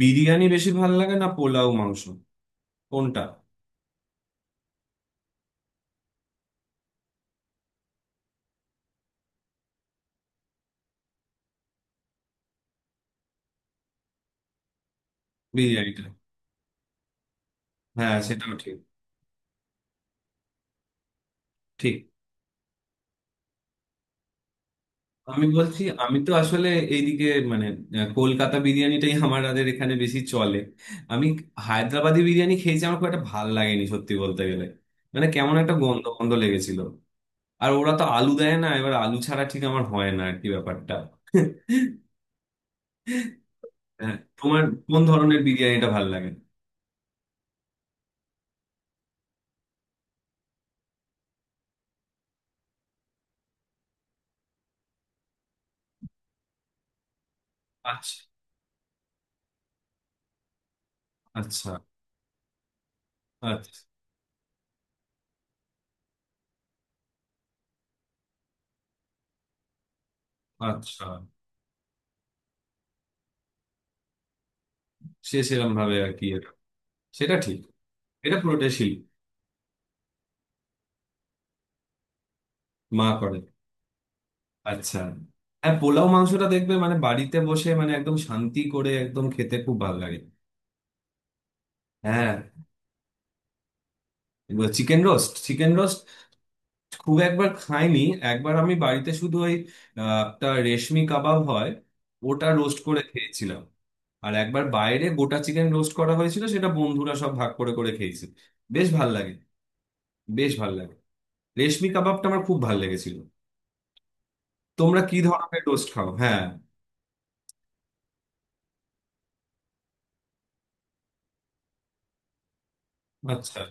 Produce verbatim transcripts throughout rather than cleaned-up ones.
বিরিয়ানি বেশি ভাল লাগে না, পোলাও মাংস? কোনটা? বিরিয়ানিটা, হ্যাঁ সেটাও ঠিক। ঠিক। আমি বলছি, আমি তো আসলে এইদিকে, মানে আহ, কলকাতা বিরিয়ানিটাই আমাদের এখানে বেশি চলে। আমি হায়দ্রাবাদি বিরিয়ানি খেয়েছি, আমার খুব একটা ভাল লাগেনি সত্যি বলতে গেলে। মানে কেমন একটা গন্ধ গন্ধ লেগেছিল। আর ওরা তো আলু দেয় না, এবার আলু ছাড়া ঠিক আমার হয় না আর কি ব্যাপারটা। হ্যাঁ, তোমার কোন ধরনের বিরিয়ানিটা ভাল লাগে? আচ্ছা, আচ্ছা। আচ্ছা, আচ্ছা। সে সেরকম ভাবে আর কি। সেটা ঠিক। এটা পুরোটাই শিল্প। মা করে? আচ্ছা। হ্যাঁ, পোলাও মাংসটা দেখবে মানে বাড়িতে বসে মানে একদম শান্তি করে একদম খেতে খুব ভালো লাগে। হ্যাঁ। চিকেন রোস্ট, চিকেন রোস্ট খুব একবার খাইনি। একবার আমি বাড়িতে শুধু ওই আহ, একটা রেশমি কাবাব হয়, ওটা রোস্ট করে খেয়েছিলাম। আর একবার বাইরে গোটা চিকেন রোস্ট করা হয়েছিল, সেটা বন্ধুরা সব ভাগ করে করে খেয়েছে। বেশ ভাল লাগে, বেশ ভাল লাগে। রেশমি কাবাবটা আমার খুব ভাল লেগেছিল। তোমরা কি ধরনের রোস্ট খাও? হ্যাঁ। আচ্ছা,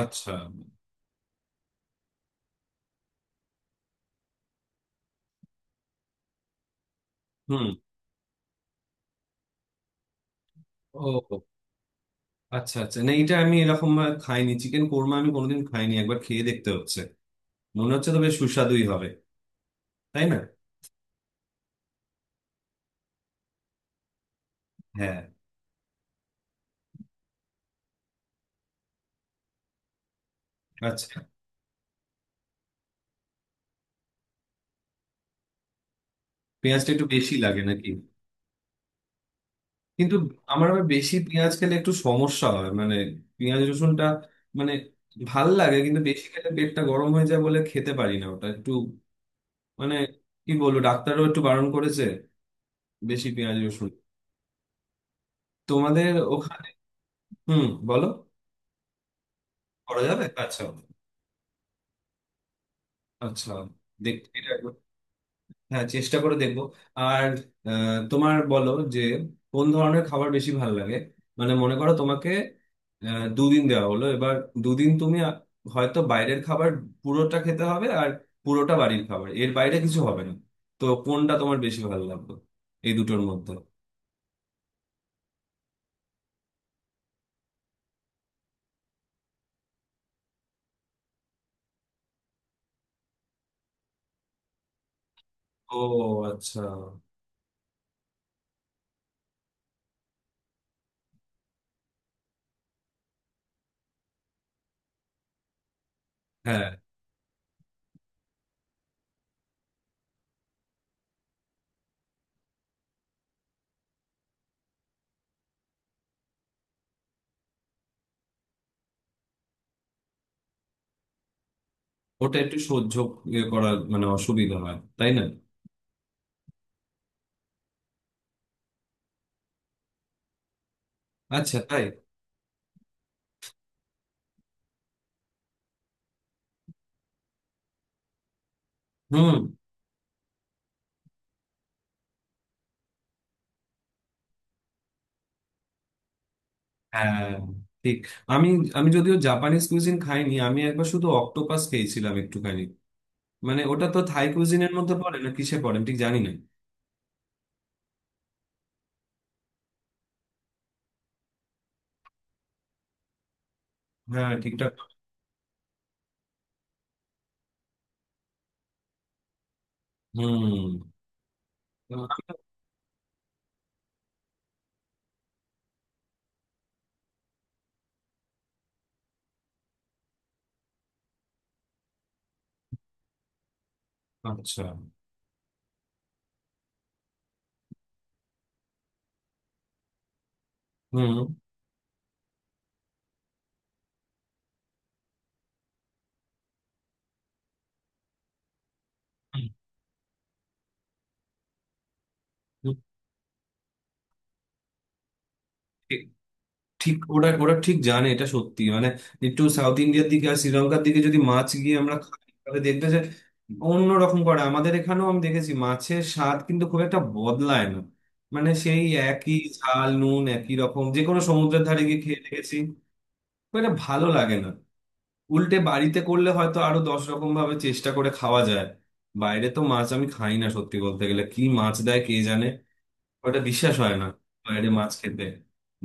আচ্ছা। হুম। ও, আচ্ছা আচ্ছা, না এটা আমি এরকম ভাবে খাইনি। চিকেন কোরমা আমি কোনোদিন খাইনি, একবার খেয়ে দেখতে হচ্ছে। মনে হচ্ছে তো বেশ সুস্বাদুই হবে, তাই না? হ্যাঁ। আচ্ছা। পেঁয়াজটা একটু বেশি লাগে নাকি? কিন্তু আমার আবার বেশি পেঁয়াজ খেলে একটু সমস্যা হয়, মানে পেঁয়াজ রসুনটা, মানে ভাল লাগে কিন্তু বেশি খেলে পেটটা গরম হয়ে যায় বলে খেতে পারি না ওটা একটু, মানে কি বলবো, ডাক্তারও একটু বারণ করেছে বেশি পেঁয়াজ রসুন। তোমাদের ওখানে? হুম, বলো। করা যাবে, আচ্ছা। আচ্ছা, দেখতে এটা একবার- হ্যাঁ, চেষ্টা করে দেখবো। আর আহ, তোমার বলো যে কোন ধরনের খাবার বেশি ভালো লাগে। মানে মনে করো তোমাকে আহ, দুদিন দেওয়া হলো। এবার দুদিন তুমি আ- হয়তো বাইরের খাবার পুরোটা খেতে হবে, আর পুরোটা বাড়ির খাবার, এর বাইরে কিছু হবে না। তো কোনটা তোমার বেশি ভালো লাগবে এই দুটোর মধ্যে? ও, আচ্ছা। হ্যাঁ। ওটা একটু সহ্য ইয়ে করার মানে অসুবিধা হয়, তাই না? আচ্ছা, তাই। হুম। হ্যাঁ। ঠিক। আমি আমি যদিও জাপানিজ কুইজিন খাইনি, আমি একবার শুধু অক্টোপাস খেয়েছিলাম একটুখানি। মানে ওটা তো থাই কুইজিনের মধ্যে পড়ে না, কিসে পড়ে আমি ঠিক জানি না। হ্যাঁ, ঠিকঠাক। হুম। আচ্ছা। হুম। ঠিক। ওরা ওরা ঠিক জানে, এটা সত্যি। মানে একটু সাউথ ইন্ডিয়ার দিকে আর শ্রীলঙ্কার দিকে যদি মাছ গিয়ে আমরা খাই, তাহলে দেখবে যে অন্যরকম করে। আমাদের এখানেও আমি দেখেছি মাছের স্বাদ কিন্তু খুব একটা বদলায় না। মানে সেই একই ঝাল নুন, একই রকম, যে কোনো সমুদ্রের ধারে গিয়ে খেয়ে দেখেছি খুব একটা ভালো লাগে না। উল্টে বাড়িতে করলে হয়তো আরো দশ রকম ভাবে চেষ্টা করে খাওয়া যায়। বাইরে তো মাছ আমি খাই না সত্যি বলতে গেলে, কি মাছ দেয় কে জানে, ওটা বিশ্বাস হয় না। বাইরে মাছ খেতে,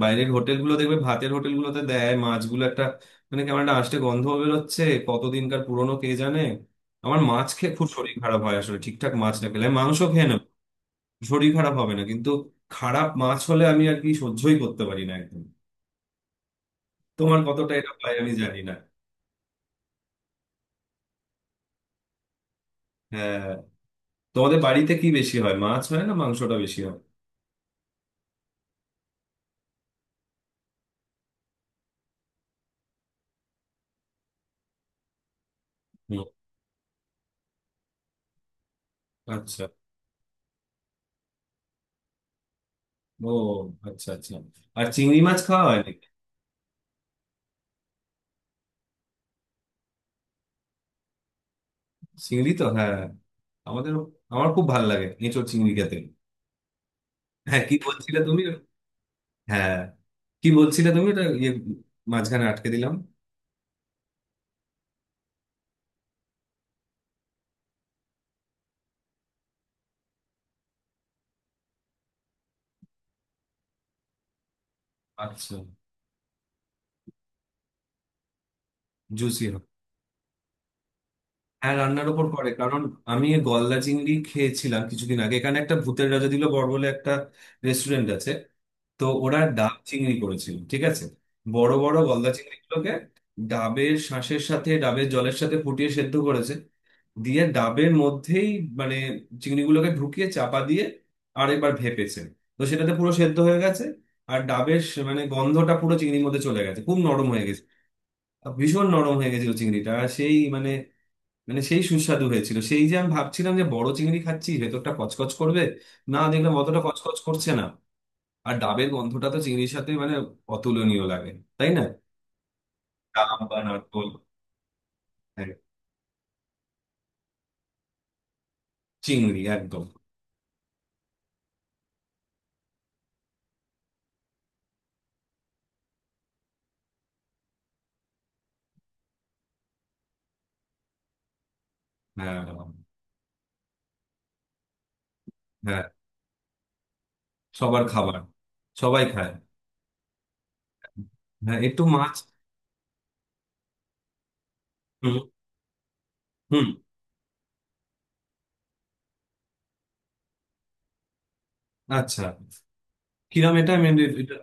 বাইরের হোটেলগুলো দেখবে ভাতের হোটেলগুলোতে দেয় মাছগুলো একটা, মানে কেমন একটা আষ্টে গন্ধ বেরোচ্ছে, কতদিনকার পুরনো কে জানে। আমার মাছ খেয়ে খুব শরীর খারাপ হয় আসলে, ঠিকঠাক মাছ না খেলে আমি মাংস খেয়ে নেব, শরীর খারাপ হবে না কিন্তু। খারাপ মাছ হলে আমি আর কি সহ্যই করতে পারি না একদম। তোমার কতটা এটা হয় আমি জানি না। হ্যাঁ। তোমাদের বাড়িতে কি বেশি হয়, মাছ হয় না মাংসটা বেশি হয়? হুম। আচ্ছা। ও, আচ্ছা আচ্ছা। আর চিংড়ি মাছ খাওয়া হয় নাকি? চিংড়ি তো, হ্যাঁ। আমাদের, আমার খুব ভালো লাগে এঁচোড় চিংড়ি খেতে। হ্যাঁ, কি বলছিলে তুমি? হ্যাঁ, কি বলছিলে তুমি, ওটা ইয়ে, মাঝখানে আটকে দিলাম। আচ্ছা। জুসি হয়। হ্যাঁ, রান্নার ওপর পড়ে, কারণ আমি এই গলদা চিংড়ি খেয়েছিলাম কিছুদিন আগে। এখানে একটা ভূতের রাজা দিল বড় বলে একটা রেস্টুরেন্ট আছে, তো ওরা ডাব চিংড়ি করেছিল, ঠিক আছে? বড় বড় গলদা চিংড়িগুলোকে ডাবের শাঁসের সাথে ডাবের জলের সাথে ফুটিয়ে সেদ্ধ করেছে, দিয়ে ডাবের মধ্যেই মানে চিংড়িগুলোকে ঢুকিয়ে চাপা দিয়ে আর একবার ভেপেছে। তো সেটাতে পুরো সেদ্ধ হয়ে গেছে, আর ডাবের স- মানে গন্ধটা পুরো চিংড়ির মধ্যে চলে গেছে, খুব নরম হয়ে গেছে। আর ভীষণ নরম হয়ে গেছিল চিংড়িটা, আর সেই মানে, মানে সেই সুস্বাদু হয়েছিল, সেই যে আমি ভাবছিলাম যে বড় চিংড়ি খাচ্ছি ভেতরটা কচকচ করবে, না দেখলাম অতটা কচকচ করছে না। আর ডাবের গন্ধটা তো চিংড়ির সাথে মানে অতুলনীয় লাগে, তাই না? ডাব বা নারকোল। হ্যাঁ, চিংড়ি একদম। হ্যাঁ, হ্যাঁ। সবার খাবার। সবাই খায়। হ্যাঁ একটু মাছ। হুম। হুম। আচ্ছা। কিরম, এটা আমি, এটা?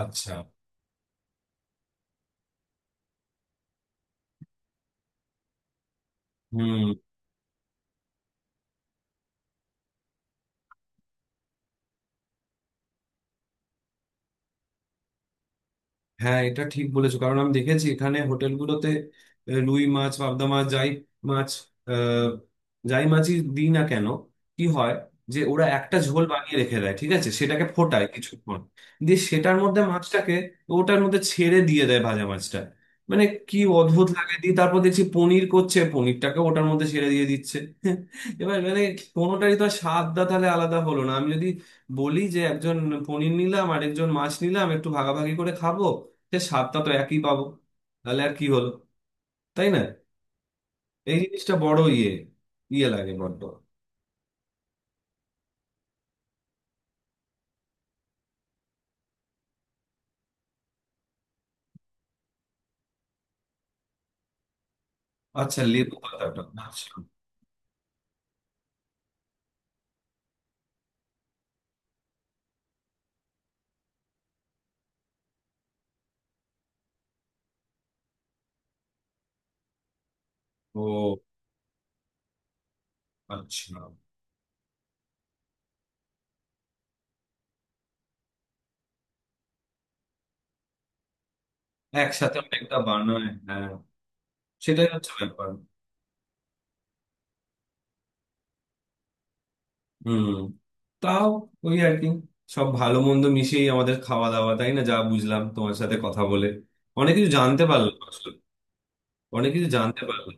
আচ্ছা। হুম। হ্যাঁ এটা ঠিক বলেছো, কারণ আমি দেখেছি এখানে হোটেলগুলোতে আহ, রুই মাছ, পাবদা মাছ, যাই মাছ আহ, যাই মাছই দিই না কেন, কি হয় যে ওরা একটা ঝোল বানিয়ে রেখে দেয়, ঠিক আছে, সেটাকে ফোটায় কিছুক্ষণ, দিয়ে সেটার মধ্যে মাছটাকে ওটার মধ্যে ছেড়ে দিয়ে দেয় ভাজা মাছটা। মানে কি অদ্ভুত লাগে, দিয়ে তারপর দেখছি পনির করছে পনিরটাকে ওটার মধ্যে ছেড়ে দিয়ে দিচ্ছে। এবার মানে কোনোটারই তো আর স্বাদটা তাহলে আলাদা হলো না। আমি যদি বলি যে একজন পনির নিলাম আর একজন মাছ নিলাম একটু ভাগাভাগি করে খাবো, সে স্বাদটা তো একই পাবো। তাহলে আর কি হলো, তাই না? এই জিনিসটা বড় ইয়ে, ইয়ে লাগে বড্ড। আচ্ছা, লেবু পাতাটা। আচ্ছা। ও, আচ্ছা। একসাথে অনেকটা বানায়, হ্যাঁ। সেটাই হচ্ছে ব্যাপার। হুম। তাও, ওই আর কি, সব ভালো মন্দ মিশিয়েই আমাদের খাওয়া দাওয়া, তাই না? যা বুঝলাম তোমার সাথে কথা বলে অনেক কিছু জানতে পারলাম আসলে। অনেক কিছু জানতে পারলাম।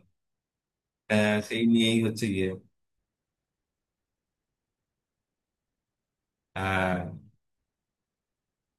হ্যাঁ সেই নিয়েই হচ্ছে গিয়ে। হ্যাঁ।